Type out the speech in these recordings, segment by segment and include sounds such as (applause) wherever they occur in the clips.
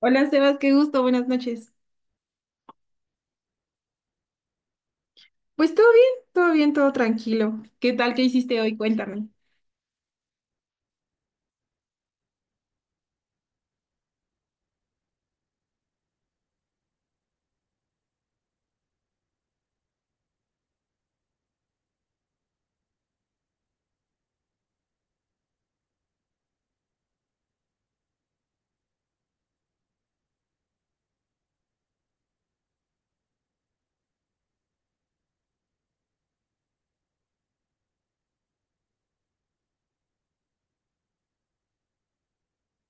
Hola Sebas, qué gusto, buenas noches. Pues todo bien, todo bien, todo tranquilo. ¿Qué tal? ¿Qué hiciste hoy? Cuéntame.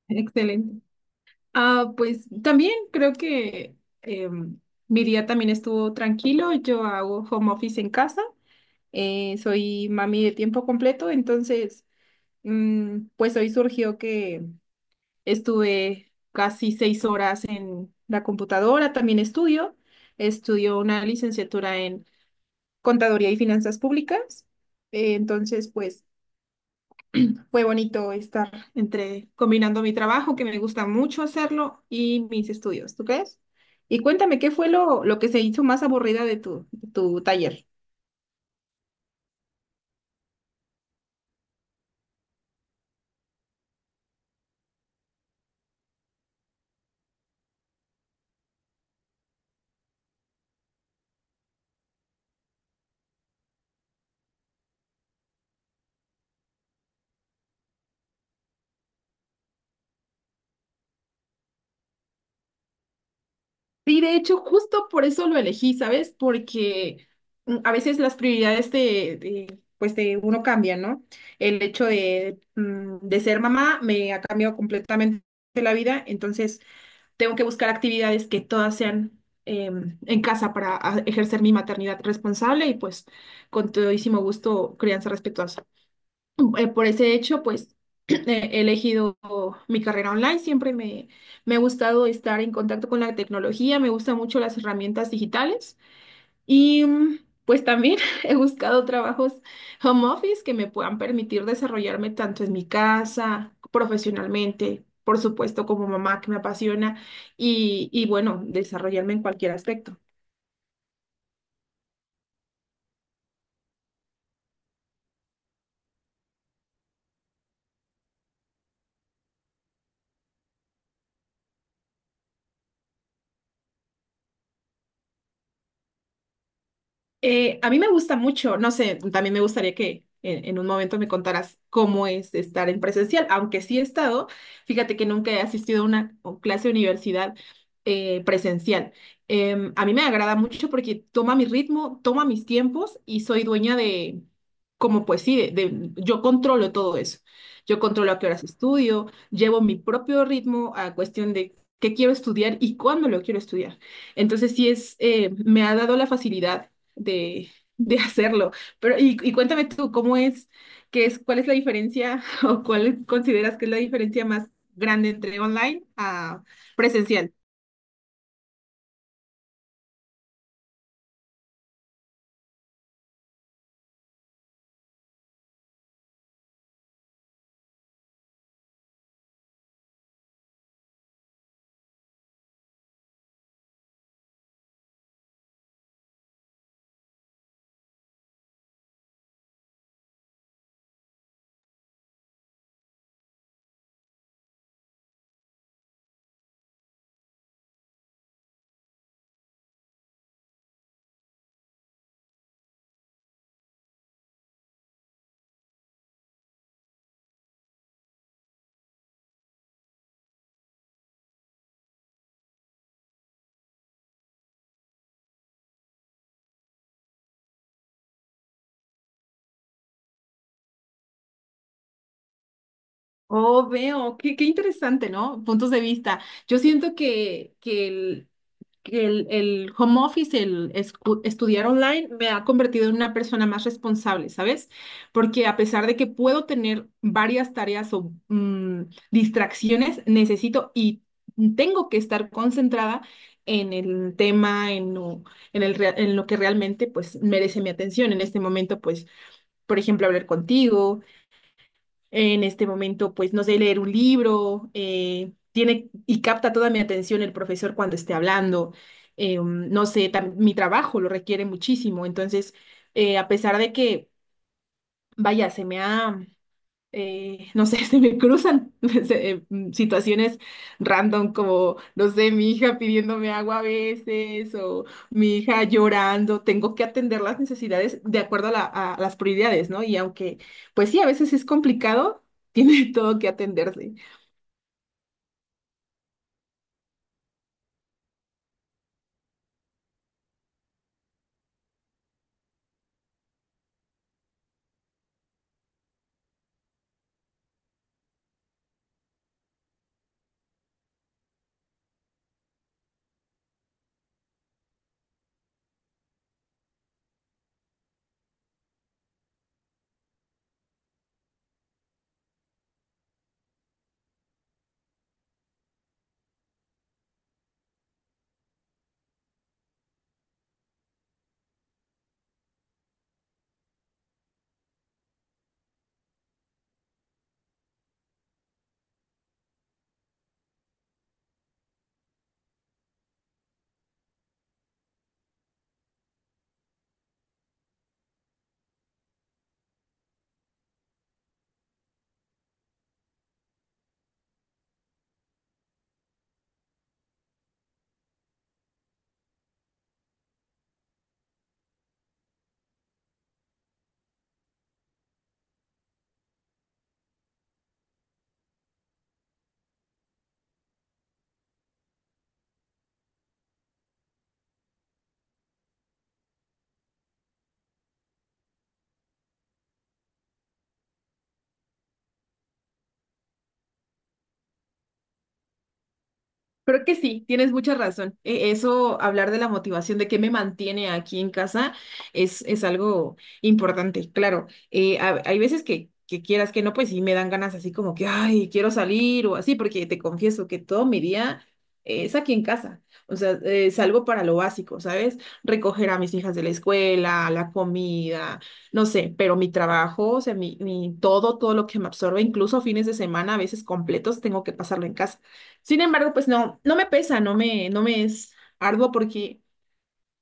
Excelente. Ah, pues también creo que em, mi día también estuvo tranquilo. Yo hago home office en casa. Soy mami de tiempo completo, entonces pues hoy surgió que estuve casi 6 horas en la computadora. También estudio. Estudio una licenciatura en Contaduría y Finanzas Públicas. Entonces, pues. Fue bonito estar entre combinando mi trabajo, que me gusta mucho hacerlo, y mis estudios, ¿tú crees? Y cuéntame, ¿qué fue lo que se hizo más aburrida de tu taller? Sí, de hecho, justo por eso lo elegí, ¿sabes? Porque a veces las prioridades pues de uno cambian, ¿no? El hecho de ser mamá me ha cambiado completamente la vida, entonces tengo que buscar actividades que todas sean en casa para ejercer mi maternidad responsable y pues con todísimo gusto crianza respetuosa. Por ese hecho, pues (clears throat) he elegido mi carrera online, siempre me ha gustado estar en contacto con la tecnología, me gustan mucho las herramientas digitales. Y pues también (laughs) he buscado trabajos home office que me puedan permitir desarrollarme tanto en mi casa, profesionalmente, por supuesto como mamá que me apasiona y bueno, desarrollarme en cualquier aspecto. A mí me gusta mucho, no sé, también me gustaría que en un momento me contaras cómo es estar en presencial, aunque sí he estado, fíjate que nunca he asistido a una o clase de universidad presencial. A mí me agrada mucho porque toma mi ritmo, toma mis tiempos y soy dueña de, como pues sí, yo controlo todo eso. Yo controlo a qué horas estudio, llevo mi propio ritmo a cuestión de qué quiero estudiar y cuándo lo quiero estudiar. Entonces sí es, me ha dado la facilidad de, de hacerlo. Pero, y cuéntame tú, qué es, cuál es la diferencia (laughs) o cuál consideras que es la diferencia más grande entre online a presencial? Oh, veo, qué interesante, ¿no? Puntos de vista. Yo siento que el home office, el estudiar online, me ha convertido en una persona más responsable, ¿sabes? Porque a pesar de que puedo tener varias tareas o distracciones, necesito y tengo que estar concentrada en el tema, en lo que realmente pues merece mi atención. En este momento, pues, por ejemplo, hablar contigo, en este momento, pues, no sé, leer un libro, tiene y capta toda mi atención el profesor cuando esté hablando. No sé, mi trabajo lo requiere muchísimo. Entonces, a pesar de que, vaya, se me ha no sé, (laughs) se me cruzan (laughs) situaciones random como, no sé, mi hija pidiéndome agua a veces o mi hija llorando. Tengo que atender las necesidades de acuerdo a las prioridades, ¿no? Y aunque, pues sí, a veces es complicado, (laughs) tiene todo que atenderse. Creo que sí, tienes mucha razón. Eso, hablar de la motivación, de qué me mantiene aquí en casa, es algo importante, claro. Hay veces que quieras que no, pues sí me dan ganas así como que, ay, quiero salir o así, porque te confieso que todo mi día es aquí en casa. O sea, salgo para lo básico, ¿sabes? Recoger a mis hijas de la escuela, la comida, no sé, pero mi trabajo, o sea, mi todo, todo lo que me absorbe, incluso fines de semana, a veces completos, tengo que pasarlo en casa. Sin embargo, pues no me pesa, no me es arduo porque,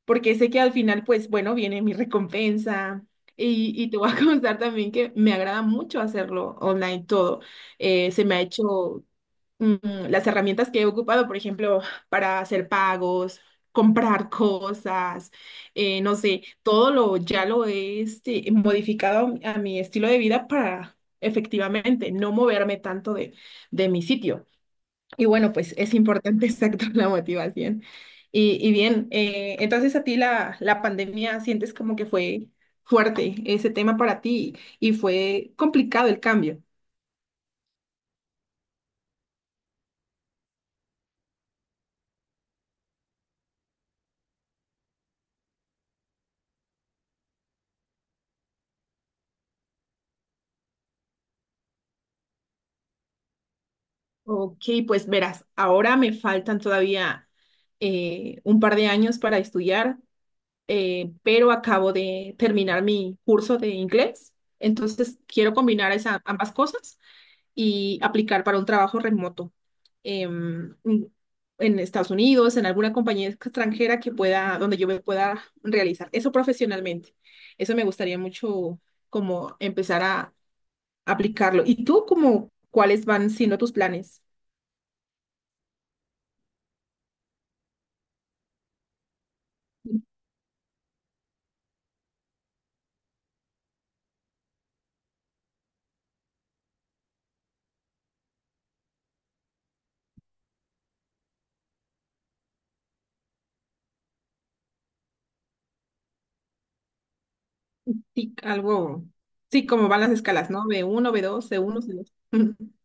porque sé que al final, pues bueno, viene mi recompensa. Y te voy a (laughs) contar también que me agrada mucho hacerlo online todo. Se me ha hecho las herramientas que he ocupado, por ejemplo, para hacer pagos, comprar cosas, no sé, todo lo ya lo he modificado a mi estilo de vida para efectivamente no moverme tanto de mi sitio. Y bueno, pues es importante, (laughs) exacto, la motivación. Y bien, entonces a ti la pandemia sientes como que fue fuerte ese tema para ti y fue complicado el cambio. Ok, pues verás, ahora me faltan todavía un par de años para estudiar, pero acabo de terminar mi curso de inglés, entonces quiero combinar esa, ambas cosas y aplicar para un trabajo remoto em, en Estados Unidos, en alguna compañía extranjera que pueda, donde yo me pueda realizar eso profesionalmente. Eso me gustaría mucho como empezar a aplicarlo. ¿Y tú como cuáles van siendo tus planes? Sí, algo, sí, como van las escalas, ¿no? B1 B2 C1 C2 (laughs)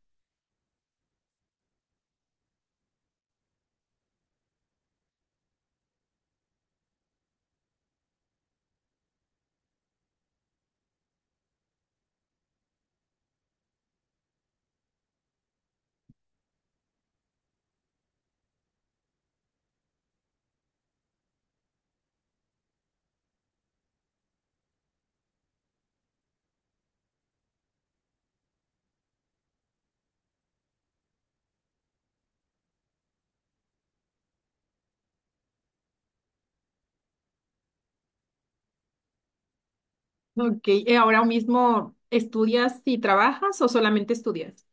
Ok, ¿y ahora mismo estudias y trabajas o solamente estudias?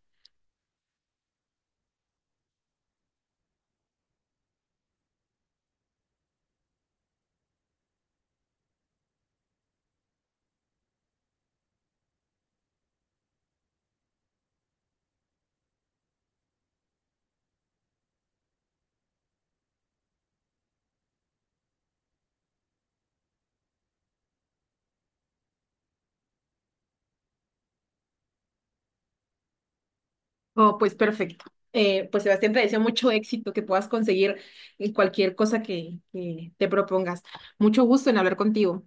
Oh, pues perfecto. Pues Sebastián, te deseo mucho éxito, que puedas conseguir cualquier cosa que te propongas. Mucho gusto en hablar contigo.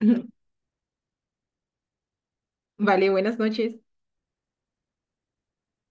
(laughs) Vale, buenas noches.